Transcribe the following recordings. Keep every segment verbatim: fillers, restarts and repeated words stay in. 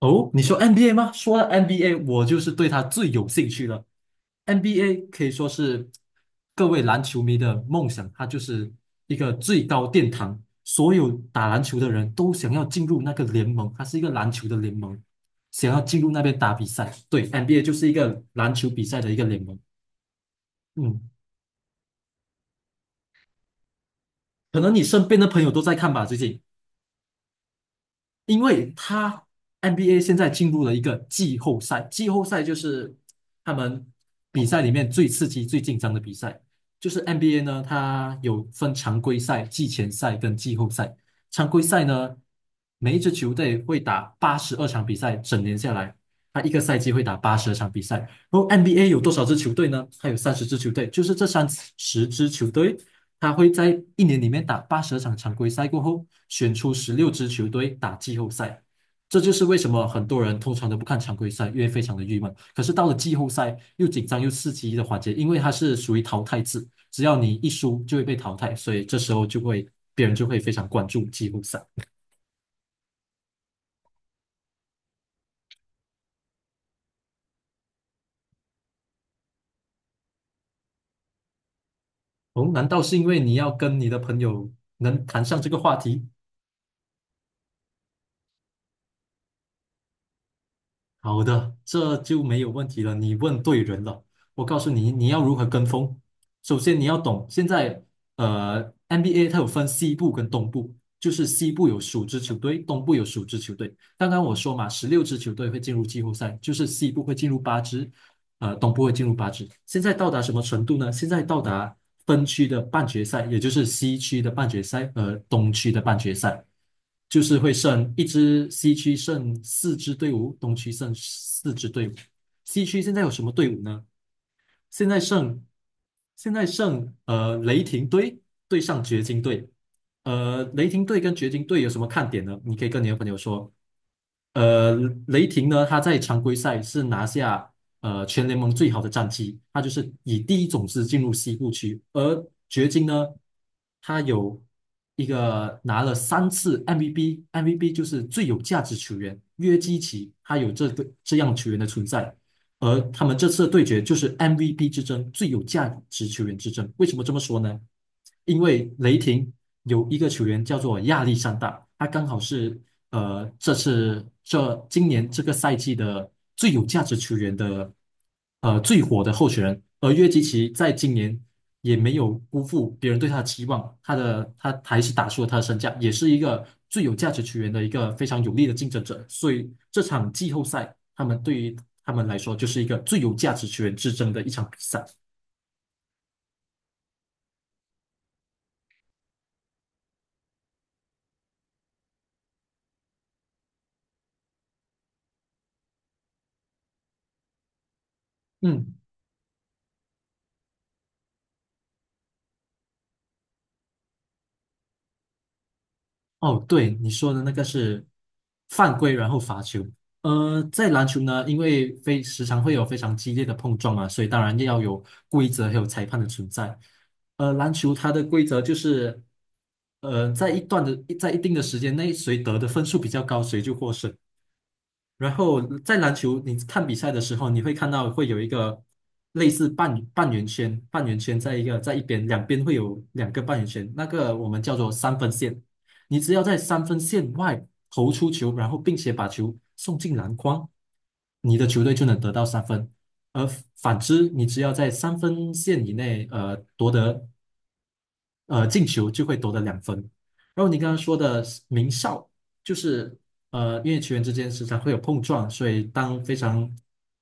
哦，你说 N B A 吗？说到 N B A，我就是对他最有兴趣了。N B A 可以说是各位篮球迷的梦想，它就是一个最高殿堂，所有打篮球的人都想要进入那个联盟，它是一个篮球的联盟，想要进入那边打比赛。对，N B A 就是一个篮球比赛的一个联盟。嗯，可能你身边的朋友都在看吧，最近。因为他 N B A 现在进入了一个季后赛，季后赛就是他们比赛里面最刺激、最紧张的比赛。就是 N B A 呢，它有分常规赛、季前赛跟季后赛。常规赛呢，每一支球队会打八十二场比赛，整年下来，他一个赛季会打八十二场比赛。然后 N B A 有多少支球队呢？它有三十支球队，就是这三十支球队他会在一年里面打八十场常规赛过后，选出十六支球队打季后赛。这就是为什么很多人通常都不看常规赛，因为非常的郁闷。可是到了季后赛，又紧张又刺激的环节，因为它是属于淘汰制，只要你一输就会被淘汰，所以这时候就会别人就会非常关注季后赛。哦，难道是因为你要跟你的朋友能谈上这个话题？好的，这就没有问题了。你问对人了。我告诉你，你要如何跟风。首先，你要懂现在，呃，N B A 它有分西部跟东部，就是西部有属支球队，东部有属支球队。刚刚我说嘛，十六支球队会进入季后赛，就是西部会进入八支，呃，东部会进入八支。现在到达什么程度呢？现在到达分区的半决赛，也就是西区的半决赛和东区的半决赛，就是会剩一支西区剩四支队伍，东区剩四支队伍。西区现在有什么队伍呢？现在剩现在剩呃雷霆队对上掘金队，呃，雷霆队跟掘金队有什么看点呢？你可以跟你的朋友说。呃，雷霆呢，他在常规赛是拿下呃全联盟最好的战绩，他就是以第一种子进入西部区。而掘金呢，他有一个拿了三次 M V P，M V P 就是最有价值球员约基奇，他有这个这样球员的存在。而他们这次的对决就是 M V P 之争，最有价值球员之争。为什么这么说呢？因为雷霆有一个球员叫做亚历山大，他刚好是呃这次这今年这个赛季的最有价值球员的呃最火的候选人，而约基奇在今年也没有辜负别人对他的期望，他的他还是打出了他的身价，也是一个最有价值球员的一个非常有力的竞争者，所以这场季后赛他们对于他们来说就是一个最有价值球员之争的一场比赛。嗯，哦，对，你说的那个是犯规，然后罚球。呃，在篮球呢，因为非时常会有非常激烈的碰撞嘛，所以当然要有规则还有裁判的存在。呃，篮球它的规则就是，呃，在一段的在一定的时间内，谁得的分数比较高，谁就获胜。然后在篮球，你看比赛的时候，你会看到会有一个类似半半圆圈，半圆圈在一个在一边，两边会有两个半圆圈，那个我们叫做三分线。你只要在三分线外投出球，然后并且把球送进篮筐，你的球队就能得到三分。而反之，你只要在三分线以内，呃，呃进球就会夺得两分。然后你刚刚说的名哨，就是呃，因为球员之间时常会有碰撞，所以当非常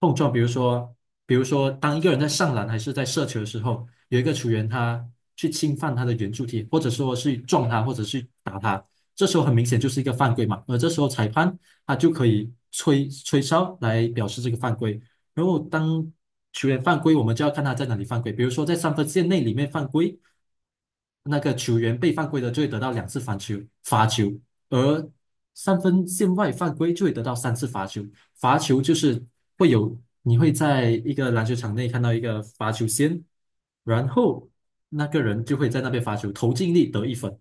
碰撞，比如说比如说当一个人在上篮还是在射球的时候，有一个球员他去侵犯他的圆柱体，或者说是撞他，或者是打他，这时候很明显就是一个犯规嘛。而这时候裁判他就可以吹吹哨来表示这个犯规。然后当球员犯规，我们就要看他在哪里犯规。比如说在三分线内里面犯规，那个球员被犯规的就会得到两次罚球，罚球；而三分线外犯规就会得到三次罚球。罚球就是会有，你会在一个篮球场内看到一个罚球线，然后那个人就会在那边罚球，投进力得一分。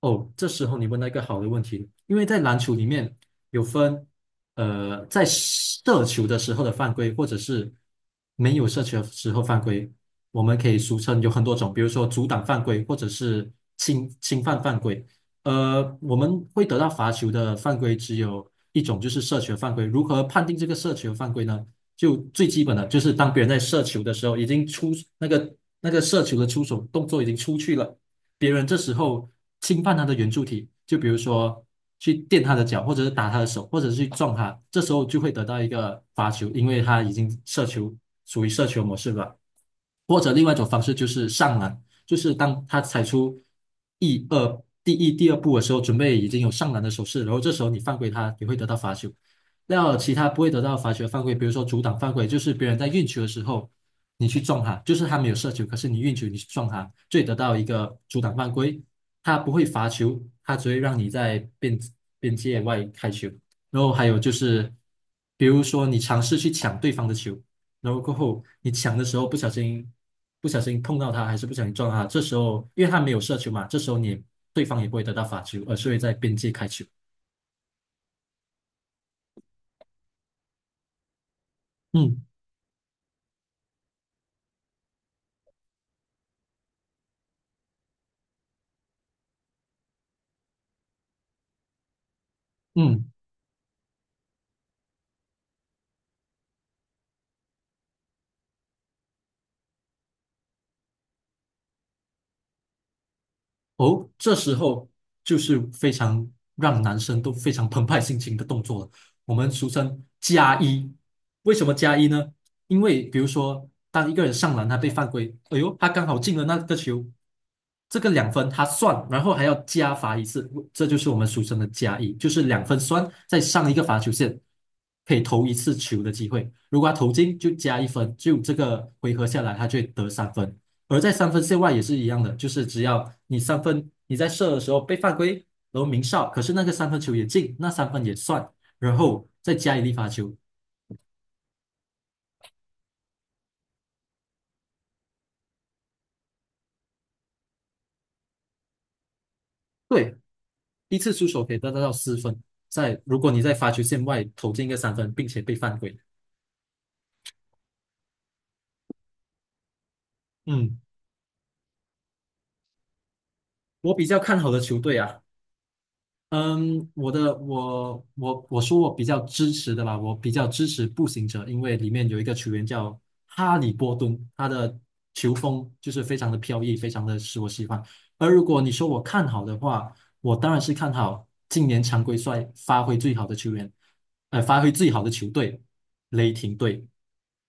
哦，这时候你问到一个好的问题，因为在篮球里面有分，呃，在射球的时候的犯规，或者是没有射球的时候犯规，我们可以俗称有很多种，比如说阻挡犯规，或者是侵侵犯犯规。呃，我们会得到罚球的犯规只有一种，就是射球犯规。如何判定这个射球犯规呢？就最基本的，就是当别人在射球的时候，已经出那个那个射球的出手动作已经出去了。别人这时候侵犯他的圆柱体，就比如说去垫他的脚，或者是打他的手，或者是去撞他，这时候就会得到一个罚球，因为他已经射球，属于射球模式了。或者另外一种方式就是上篮，就是当他踩出一二第一第二步的时候，准备已经有上篮的手势，然后这时候你犯规他，也会得到罚球。那其他不会得到罚球的犯规，比如说阻挡犯规，就是别人在运球的时候你去撞他，就是他没有射球，可是你运球你去撞他，最得到一个阻挡犯规。他不会罚球，他只会让你在边边界外开球。然后还有就是，比如说你尝试去抢对方的球，然后过后你抢的时候不小心不小心碰到他，还是不小心撞他，这时候因为他没有射球嘛，这时候你对方也不会得到罚球，而是会在边界开球。嗯嗯，哦，这时候就是非常让男生都非常澎湃心情的动作了。我们俗称加一，为什么加一呢？因为比如说，当一个人上篮他被犯规，哎呦，他刚好进了那个球，这个两分他算，然后还要加罚一次，这就是我们俗称的加一，就是两分算再上一个罚球线，可以投一次球的机会。如果他投进就加一分，就这个回合下来他就会得三分。而在三分线外也是一样的，就是只要你三分你在射的时候被犯规，然后鸣哨，可是那个三分球也进，那三分也算，然后再加一粒罚球，对，一次出手可以得到到四分。在如果你在罚球线外投进一个三分，并且被犯规，嗯，我比较看好的球队啊。嗯，我的我我我说我比较支持的吧，我比较支持步行者，因为里面有一个球员叫哈利波顿，他的球风就是非常的飘逸，非常的使我喜欢。而如果你说我看好的话，我当然是看好今年常规赛发挥最好的球员，呃，发挥最好的球队雷霆队。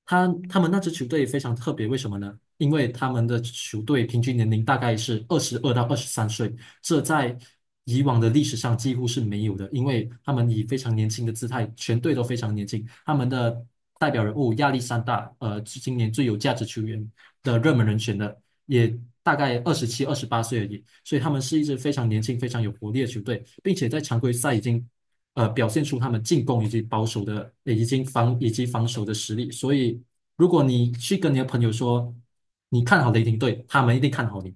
他他们那支球队非常特别，为什么呢？因为他们的球队平均年龄大概是二十二到二十三岁。这在以往的历史上几乎是没有的，因为他们以非常年轻的姿态，全队都非常年轻，他们的代表人物亚历山大，呃，是今年最有价值球员的热门人选的，也大概二十七、二十八岁而已，所以他们是一支非常年轻、非常有活力的球队，并且在常规赛已经。呃，表现出他们进攻以及保守的，呃已经防以及防守的实力。所以，如果你去跟你的朋友说你看好雷霆队，他们一定看好你。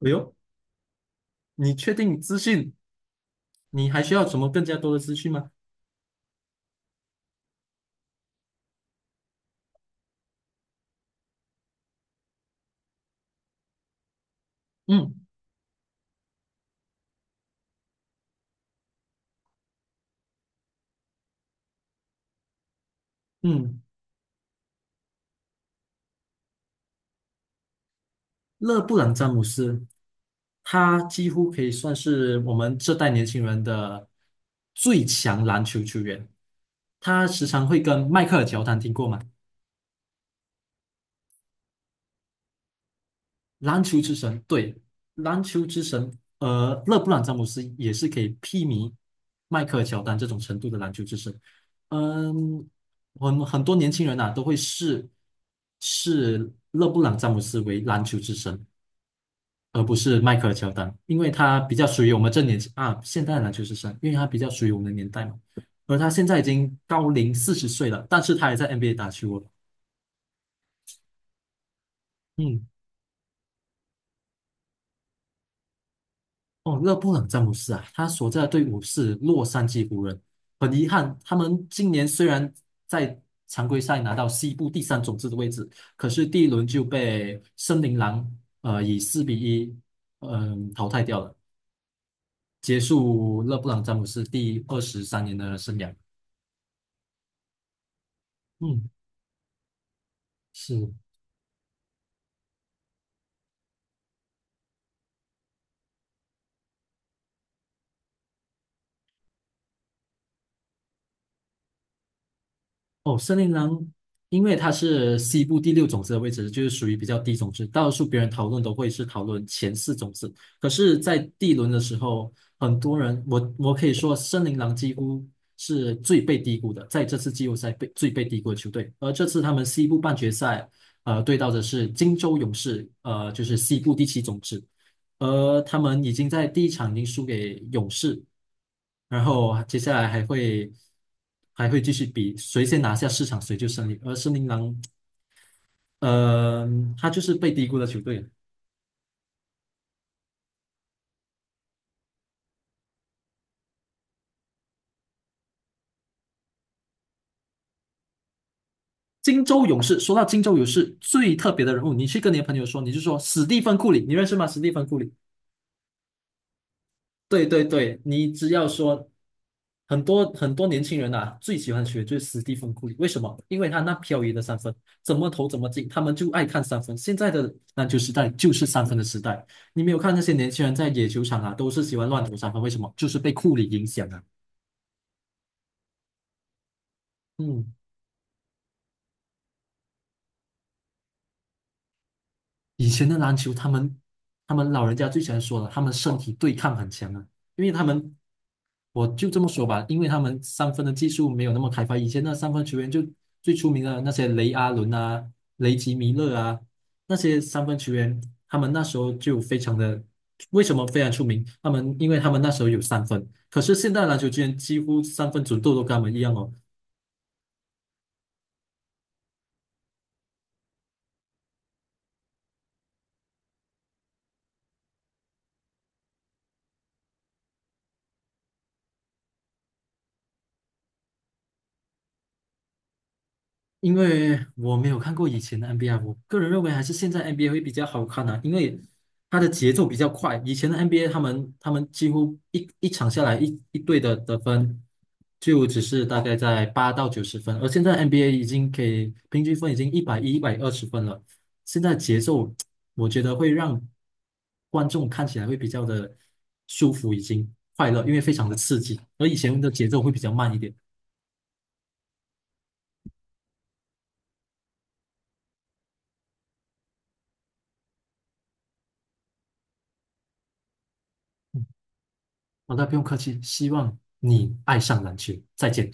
哎呦，你确定资讯你还需要什么更加多的资讯吗？嗯嗯，勒布朗詹姆斯，他几乎可以算是我们这代年轻人的最强篮球球员。他时常会跟迈克尔乔丹听过吗？篮球之神，对，篮球之神。呃，勒布朗詹姆斯也是可以媲美迈克尔乔丹这种程度的篮球之神。嗯，很很多年轻人啊都会视视勒布朗詹姆斯为篮球之神。而不是迈克尔乔丹，因为他比较属于我们这年纪啊，现代篮球是生，因为他比较属于我们的年代嘛。而他现在已经高龄四十岁了，但是他还在 N B A 打球了嗯，哦，勒布朗詹姆斯啊，他所在的队伍是洛杉矶湖人。很遗憾，他们今年虽然在常规赛拿到西部第三种子的位置，可是第一轮就被森林狼呃以四比一嗯淘汰掉了，结束勒布朗詹姆斯第二十三年的生涯。嗯。是哦，森林狼，因为它是西部第六种子的位置，就是属于比较低种子。大多数别人讨论都会是讨论前四种子，可是，在第一轮的时候，很多人，我我可以说，森林狼几乎是最被低估的，在这次季后赛被最被低估的球队。而这次他们西部半决赛，呃，对到的是金州勇士，呃，就是西部第七种子，而他们已经在第一场已经输给勇士。然后接下来还会还会继续比谁先拿下市场，谁就胜利。而森林狼，呃，他就是被低估的球队。金州勇士，说到金州勇士最特别的人物，你去跟你的朋友说，你就说史蒂芬库里，你认识吗？史蒂芬库里，对对对，你只要说，很多很多年轻人啊，最喜欢学就是斯蒂芬库里，为什么？因为他那飘逸的三分，怎么投怎么进，他们就爱看三分。现在的篮球时代就是三分的时代，你没有看那些年轻人在野球场啊，都是喜欢乱投三分，为什么？就是被库里影响啊。嗯，以前的篮球，他们他们老人家最喜欢说了，他们身体对抗很强啊，因为他们我就这么说吧，因为他们三分的技术没有那么开发，以前那三分球员就最出名的那些雷阿伦啊、雷吉米勒啊，那些三分球员，他们那时候就非常的，为什么非常出名？他们因为他们那时候有三分，可是现在篮球居然几乎三分准度都跟他们一样哦，因为我没有看过以前的 N B A，我个人认为还是现在 N B A 会比较好看啊，因为它的节奏比较快。以前的 N B A 他们他们几乎一一场下来一一队的得分就只是大概在八到九十分，而现在 N B A 已经可以平均分已经一百一、一百二十分了。现在节奏我觉得会让观众看起来会比较的舒服，已经快乐，因为非常的刺激，而以前的节奏会比较慢一点。好的，不用客气，希望你爱上篮球，再见。